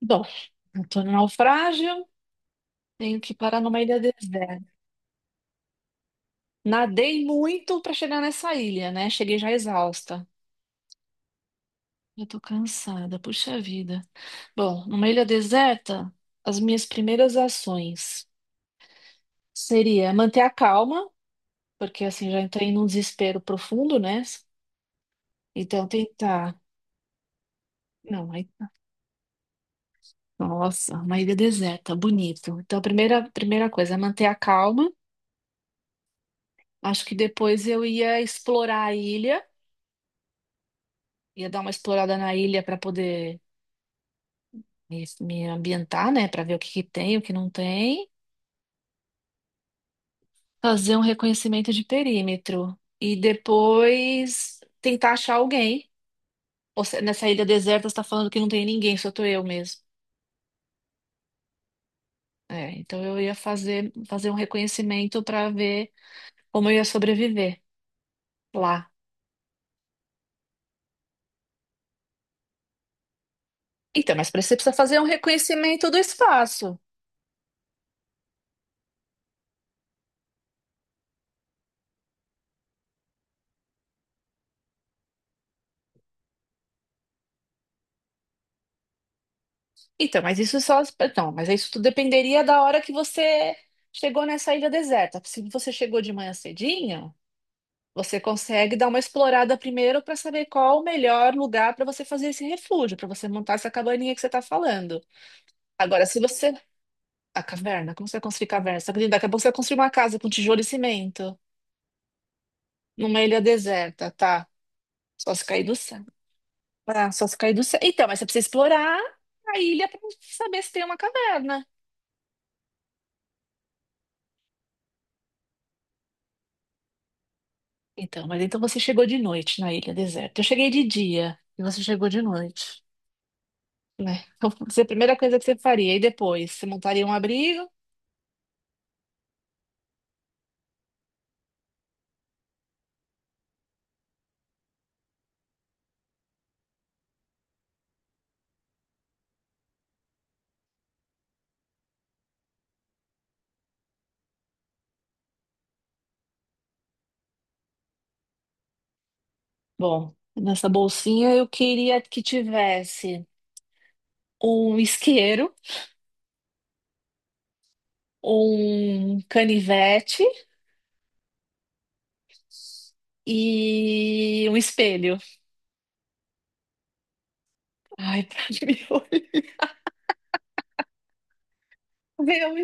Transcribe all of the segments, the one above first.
Bom, eu tô no naufrágio, tenho que parar numa ilha deserta. Nadei muito pra chegar nessa ilha, né? Cheguei já exausta. Eu tô cansada, puxa vida. Bom, numa ilha deserta, as minhas primeiras ações seria manter a calma, porque assim já entrei num desespero profundo, né? Então tentar. Não, aí... tá, Nossa, uma ilha deserta, bonito. Então, a primeira coisa é manter a calma. Acho que depois eu ia explorar a ilha. Ia dar uma explorada na ilha para poder me ambientar, né? Para ver o que que tem, o que não tem. Fazer um reconhecimento de perímetro. E depois tentar achar alguém. Ou se- Nessa ilha deserta, você está falando que não tem ninguém, só tô eu mesmo. É, então eu ia fazer um reconhecimento para ver como eu ia sobreviver lá. Então, mas pra isso você precisa fazer um reconhecimento do espaço. Então, mas isso só. Então, mas isso tudo dependeria da hora que você chegou nessa ilha deserta. Se você chegou de manhã cedinho, você consegue dar uma explorada primeiro para saber qual o melhor lugar para você fazer esse refúgio, para você montar essa cabaninha que você está falando. Agora, se você. A caverna, como você vai construir caverna? Você acredita? Daqui a pouco você vai construir uma casa com tijolo e cimento numa ilha deserta, tá? Só se cair do céu. Ah, só se cair do céu. Então, mas você precisa explorar a ilha para saber se tem uma caverna. Então, mas então você chegou de noite na ilha deserta. Eu cheguei de dia e você chegou de noite, né? Então, isso é a primeira coisa que você faria. E depois, você montaria um abrigo? Bom, nessa bolsinha eu queria que tivesse um isqueiro, um canivete e um espelho. Ai, para me olhar,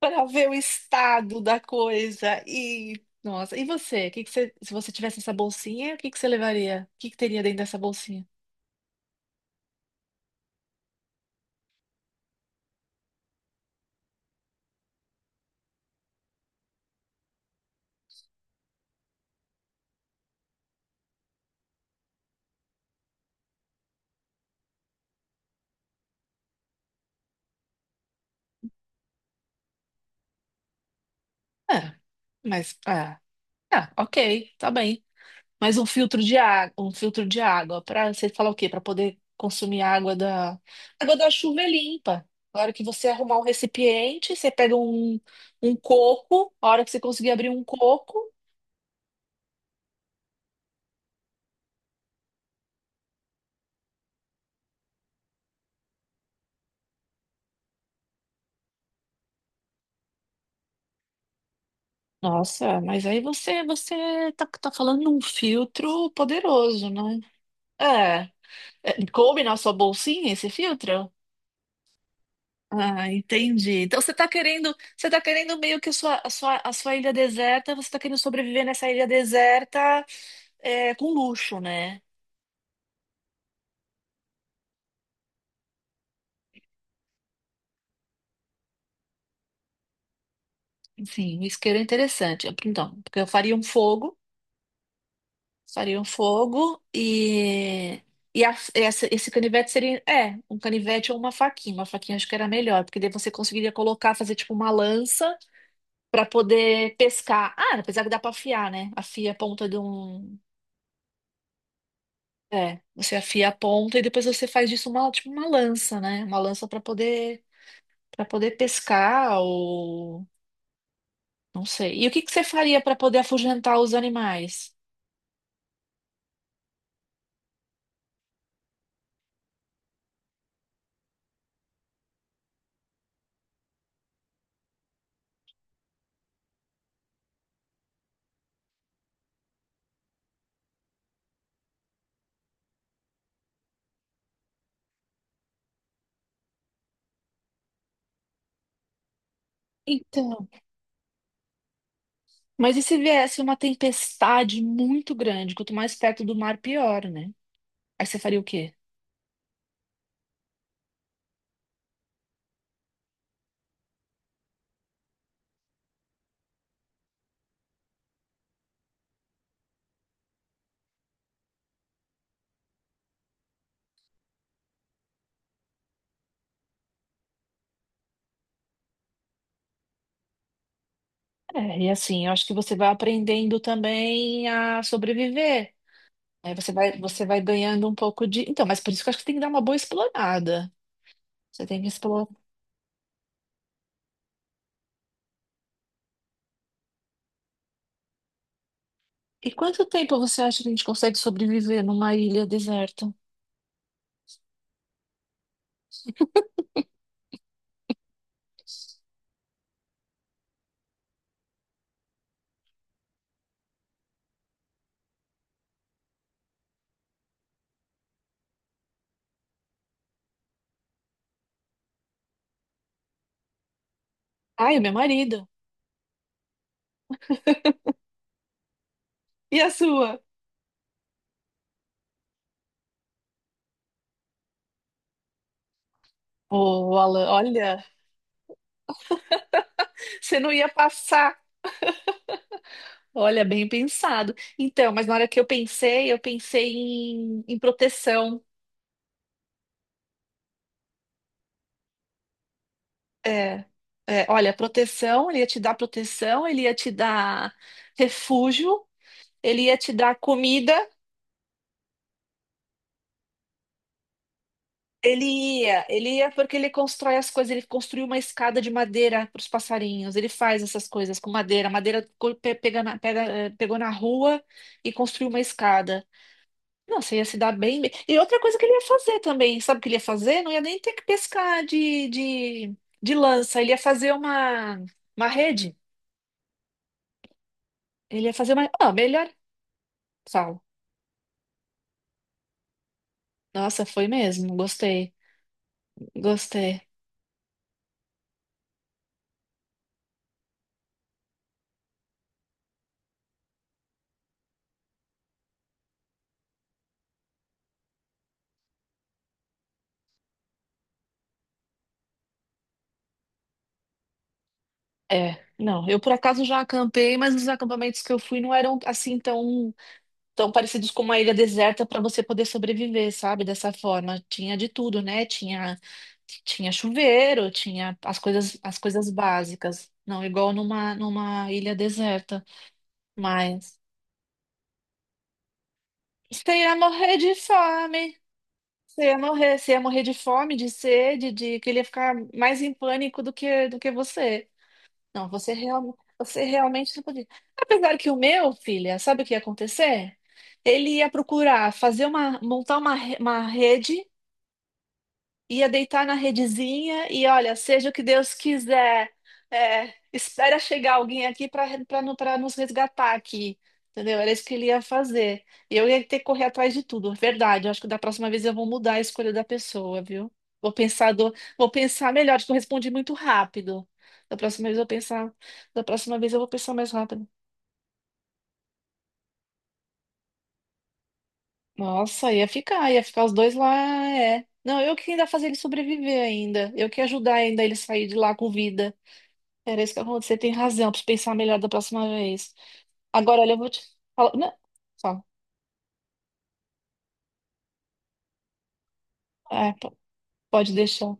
para ver o estado da coisa e Nossa, e você? O que que você, se você tivesse essa bolsinha, o que que você levaria? O que que teria dentro dessa bolsinha? É, mas ah, ok, tá bem. Mas um filtro de água para você falar o quê? Para poder consumir água da chuva é limpa. Na hora que você arrumar um recipiente, você pega um coco. A hora que você conseguir abrir um coco, nossa, mas aí você tá falando de um filtro poderoso, né? É, É, coube na sua bolsinha esse filtro? Ah, entendi. Então você está querendo, você tá querendo meio que a sua ilha deserta, você está querendo sobreviver nessa ilha deserta é, com luxo, né? Enfim, um isqueiro é interessante. Então, porque eu faria um fogo e esse canivete seria, é, um canivete ou uma faquinha. Uma faquinha acho que era melhor, porque daí você conseguiria colocar, fazer tipo uma lança para poder pescar. Ah, apesar que dá para afiar, né? Afia a ponta de um. É, você afia a ponta e depois você faz disso uma, tipo uma lança, né? Uma lança para poder pescar ou não sei. E o que que você faria para poder afugentar os animais? Então, mas e se viesse uma tempestade muito grande? Quanto mais perto do mar, pior, né? Aí você faria o quê? É, e assim, eu acho que você vai aprendendo também a sobreviver. Aí você vai ganhando um pouco de. Então, mas por isso que eu acho que tem que dar uma boa explorada. Você tem que explorar. E quanto tempo você acha que a gente consegue sobreviver numa ilha deserta? Ai, o meu marido. E a sua? Ô, Alan, olha, você não ia passar. Olha, bem pensado. Então, mas na hora que eu pensei em proteção. É, é, olha, proteção, ele ia te dar proteção, ele ia te dar refúgio, ele ia te dar comida. Ele ele ia porque ele constrói as coisas, ele construiu uma escada de madeira para os passarinhos, ele faz essas coisas com madeira. A madeira pega, pegou na rua e construiu uma escada. Nossa, ia se dar bem. E outra coisa que ele ia fazer também, sabe o que ele ia fazer? Não ia nem ter que pescar de lança, ele ia fazer uma rede, ele ia fazer uma... Ah, melhor, falo. Nossa, foi mesmo, gostei, gostei. É, não, eu por acaso já acampei, mas os acampamentos que eu fui não eram tão parecidos com uma ilha deserta para você poder sobreviver, sabe? Dessa forma. Tinha de tudo, né? Tinha chuveiro, tinha as coisas básicas. Não igual numa, numa ilha deserta. Mas você ia morrer de fome. Você ia morrer de fome, de sede, de que ele ia ficar mais em pânico do do que você. Não, você, real, você realmente não podia. Apesar que o meu, filha, sabe o que ia acontecer? Ele ia procurar fazer uma, uma rede, ia deitar na redezinha e olha, seja o que Deus quiser, é, espera chegar alguém aqui para nos resgatar aqui, entendeu? Era isso que ele ia fazer. E eu ia ter que correr atrás de tudo, verdade. Eu acho que da próxima vez eu vou mudar a escolha da pessoa, viu? Vou pensar melhor, acho que eu respondi muito rápido. Da próxima vez eu vou pensar, da próxima vez eu vou pensar mais rápido. Nossa, ia ficar os dois lá, é. Não, eu que ainda fazer ele sobreviver ainda. Eu que ia ajudar ainda ele sair de lá com vida. Era isso que aconteceu. Você tem razão, preciso pensar melhor da próxima vez. Agora, olha, eu vou te falar. Não, fala. É, p- pode deixar.